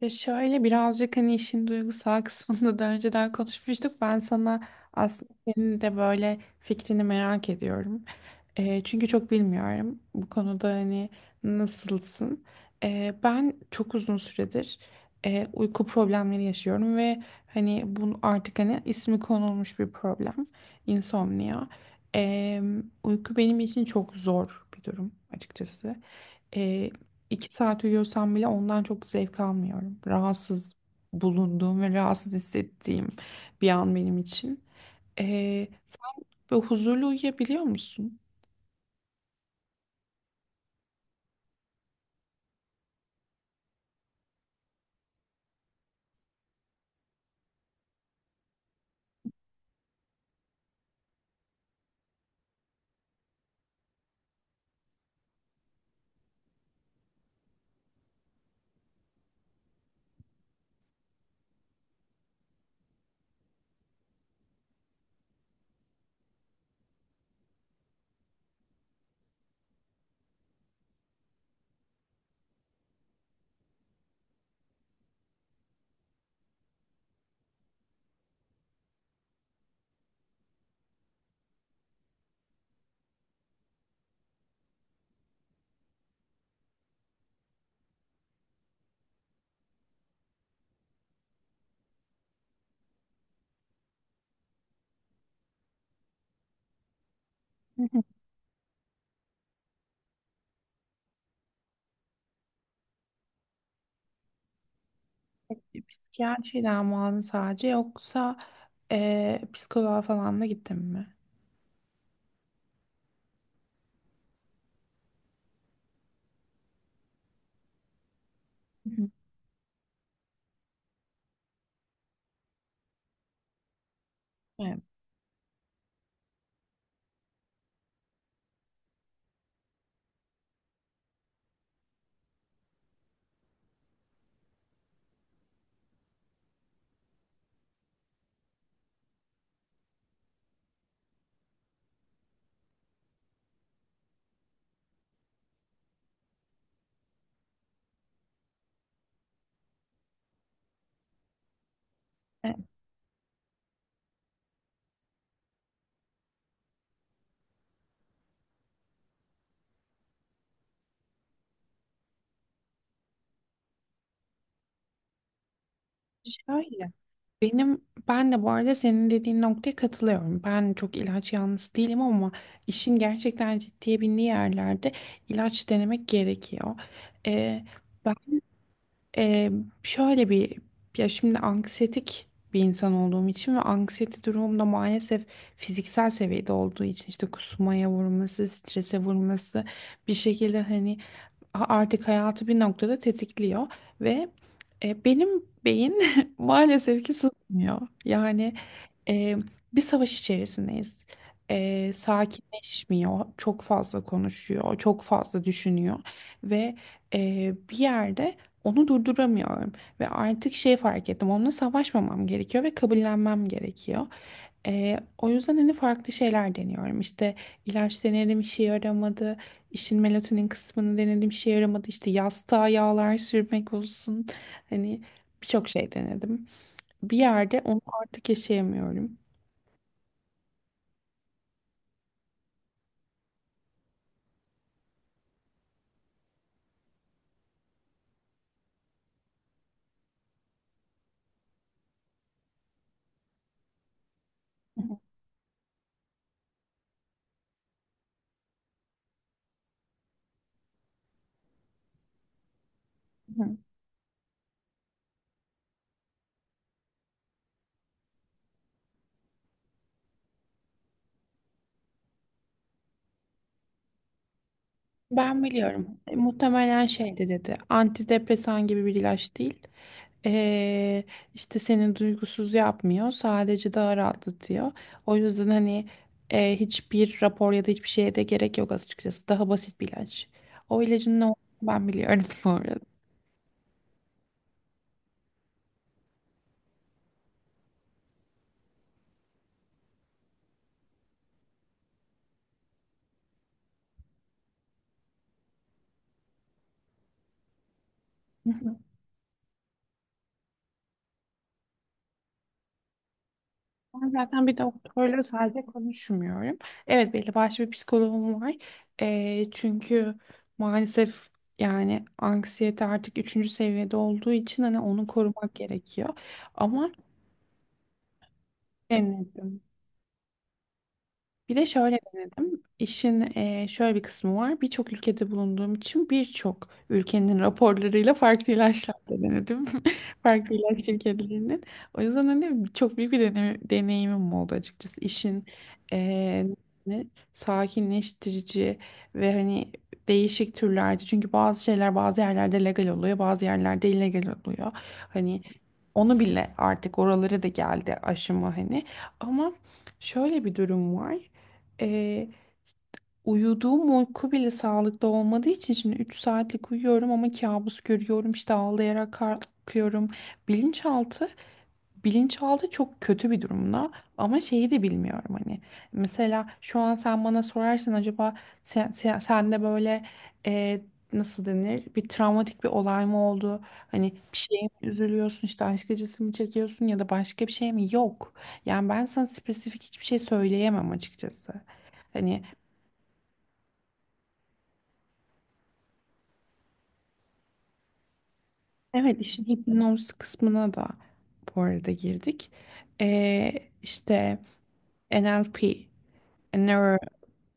Ya şöyle birazcık hani işin duygusal kısmında da önceden konuşmuştuk. Ben sana aslında senin de böyle fikrini merak ediyorum. Çünkü çok bilmiyorum bu konuda hani nasılsın. Ben çok uzun süredir uyku problemleri yaşıyorum ve hani bunu artık hani ismi konulmuş bir problem. Insomnia. Eee, Uyku benim için çok zor bir durum açıkçası. İki saat uyuyorsam bile ondan çok zevk almıyorum. Rahatsız bulunduğum ve rahatsız hissettiğim bir an benim için. Sen böyle huzurlu uyuyabiliyor musun? Hı hı. Psikiyatri dermanı sadece yoksa psikoloğa falan da gittin mi? Hı hı. Evet. E, Şöyle. Benim ben de bu arada senin dediğin noktaya katılıyorum. Ben çok ilaç yanlısı değilim ama işin gerçekten ciddiye bindiği yerlerde ilaç denemek gerekiyor. E, Ee, şöyle bir Ya şimdi anksiyetik bir insan olduğum için ve anksiyete durumum da maalesef fiziksel seviyede olduğu için işte kusmaya vurması, strese vurması bir şekilde hani artık hayatı bir noktada tetikliyor ve benim beyin maalesef ki susmuyor. E, Bir savaş içerisindeyiz. E, sakinleşmiyor, çok fazla konuşuyor, çok fazla düşünüyor ve bir yerde onu durduramıyorum ve artık şey fark ettim, onunla savaşmamam gerekiyor ve kabullenmem gerekiyor. E, o yüzden hani farklı şeyler deniyorum. İşte ilaç denedim, işe yaramadı. İşin melatonin kısmını denedim, işe yaramadı. İşte yastığa yağlar sürmek olsun. Hani birçok şey denedim. Bir yerde onu artık yaşayamıyorum. Hı hı. Ben biliyorum. E, muhtemelen şeydi dedi. Antidepresan gibi bir ilaç değil. Ee, işte seni duygusuz yapmıyor. Sadece daha rahatlatıyor. O yüzden hani hiçbir rapor ya da hiçbir şeye de gerek yok açıkçası. Daha basit bir ilaç. O ilacın ne olduğunu ben biliyorum bu arada. Ben zaten bir doktorla sadece konuşmuyorum. Evet, belli başlı bir psikoloğum var. Çünkü maalesef yani anksiyete artık üçüncü seviyede olduğu için hani onu korumak gerekiyor. Ama sevmedim. Bir de şöyle denedim. İşin şöyle bir kısmı var. Birçok ülkede bulunduğum için birçok ülkenin raporlarıyla farklı ilaçlar da denedim. Farklı ilaç şirketlerinin. O yüzden hani çok büyük bir deneyimim oldu açıkçası. İşin eee, ne- sakinleştirici ve hani değişik türlerde. Çünkü bazı şeyler bazı yerlerde legal oluyor, bazı yerlerde illegal oluyor. Hani onu bile artık oralara da geldi aşımı hani. Ama şöyle bir durum var. Ee, Uyuduğum uyku bile sağlıklı olmadığı için şimdi 3 saatlik uyuyorum ama kabus görüyorum işte ağlayarak kalkıyorum. Bilinçaltı, bilinçaltı çok kötü bir durumda ama şeyi de bilmiyorum hani. Mesela şu an sen bana sorarsan acaba sende böyle e, nasıl denir bir travmatik bir olay mı oldu? Hani bir şeye mi üzülüyorsun işte aşk acısı mı çekiyorsun ya da başka bir şey mi? Yok. Yani ben sana spesifik hiçbir şey söyleyemem açıkçası. Hani evet, işin hipnoz kısmına da bu arada girdik. Ee, işte NLP, Neuro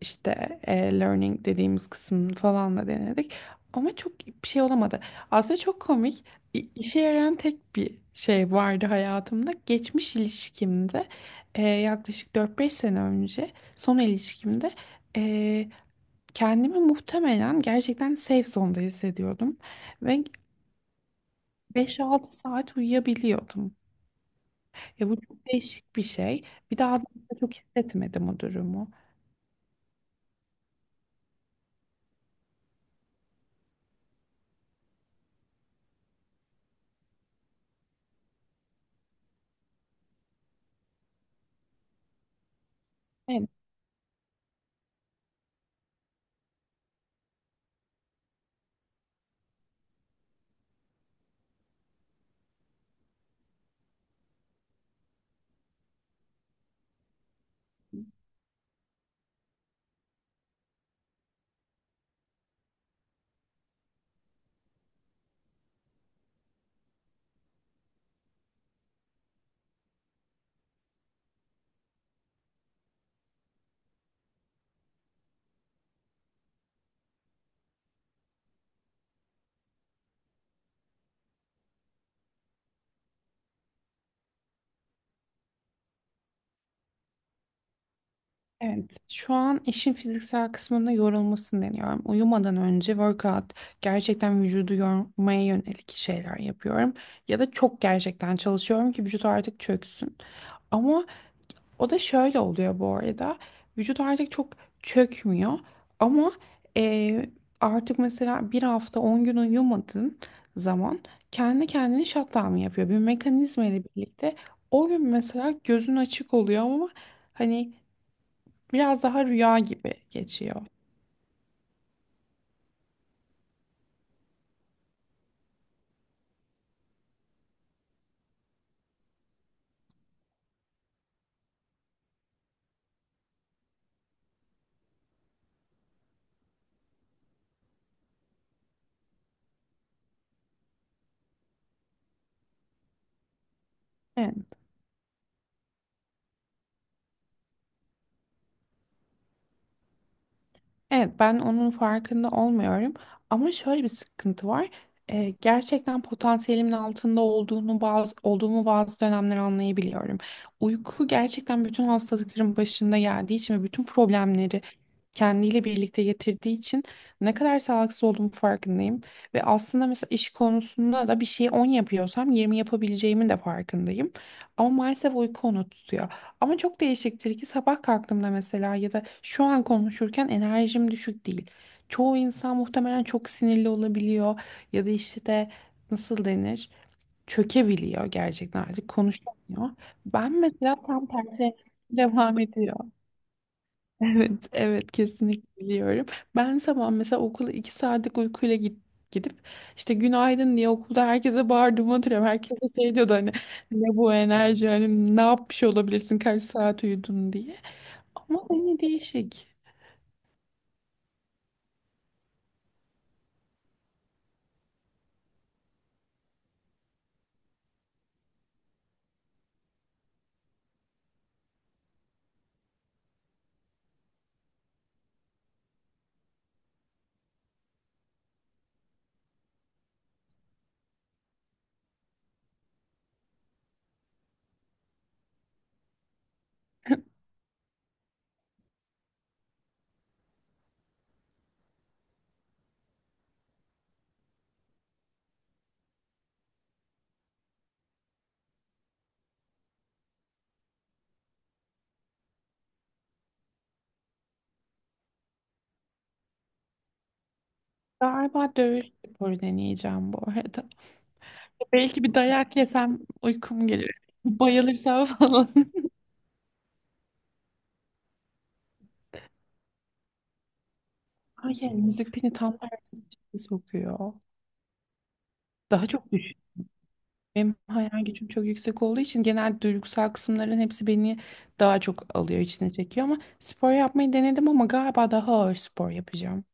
işte Learning dediğimiz kısmını falan da denedik. Ama çok bir şey olamadı. Aslında çok komik. İşe yarayan tek bir şey vardı hayatımda. Geçmiş ilişkimde yaklaşık 4 5 sene önce son ilişkimde e, kendimi muhtemelen gerçekten safe zone'da hissediyordum. Ve 5 6 saat uyuyabiliyordum. Ya bu çok değişik bir şey. Bir daha da çok hissetmedim o durumu. Evet, evet. Şu an işin fiziksel kısmında yorulmasını deniyorum. Uyumadan önce workout, gerçekten vücudu yormaya yönelik şeyler yapıyorum. Ya da çok gerçekten çalışıyorum ki vücut artık çöksün. Ama O da şöyle oluyor bu arada. Vücut artık çok çökmüyor ama e, artık mesela 1 hafta 10 gün uyumadığın zaman kendi kendine shutdown yapıyor. Bir mekanizma ile birlikte o gün mesela gözün açık oluyor ama hani biraz daha rüya gibi geçiyor. Evet. Evet, ben onun farkında olmuyorum. Ama şöyle bir sıkıntı var. Gerçekten potansiyelimin altında olduğunu bazı olduğumu bazı dönemler anlayabiliyorum. Uyku gerçekten bütün hastalıkların başında geldiği için ve bütün problemleri kendiyle birlikte getirdiği için ne kadar sağlıksız olduğumu farkındayım. Ve aslında mesela iş konusunda da bir şeyi 10 yapıyorsam 20 yapabileceğimin de farkındayım. Ama maalesef uyku onu tutuyor. Ama çok değişiktir ki sabah kalktığımda mesela ya da şu an konuşurken enerjim düşük değil. Çoğu insan muhtemelen çok sinirli olabiliyor ya da işte de nasıl denir çökebiliyor gerçekten artık konuşamıyor. Ben mesela tam tersi devam ediyorum. Evet, evet, kesinlikle biliyorum. Ben sabah mesela okula 2 saatlik uykuyla gidip işte günaydın diye okulda herkese bağırdığımı hatırlıyorum. Herkes de şey diyordu hani ne bu enerji hani ne yapmış olabilirsin kaç saat uyudun diye. Ama yine değişik. Galiba dövüş sporu deneyeceğim bu arada. Belki bir dayak yesem uykum gelir. Bayılırsam falan. Hayır, müzik beni tam tersi sokuyor. Daha çok Benim hayal gücüm çok yüksek olduğu için genel duygusal kısımların hepsi beni daha çok alıyor, içine çekiyor ama spor yapmayı denedim ama galiba daha ağır spor yapacağım.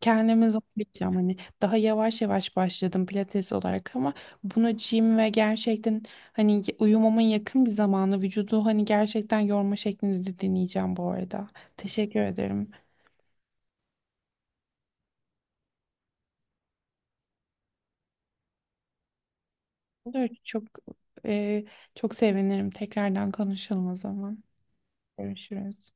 Kendimi zorlayacağım hani daha yavaş yavaş başladım pilates olarak ama bunu gym ve gerçekten hani uyumamın yakın bir zamanı vücudu hani gerçekten yorma şeklinde de deneyeceğim bu arada. Teşekkür ederim. Olur, çok e, çok sevinirim. Tekrardan konuşalım o zaman. Görüşürüz.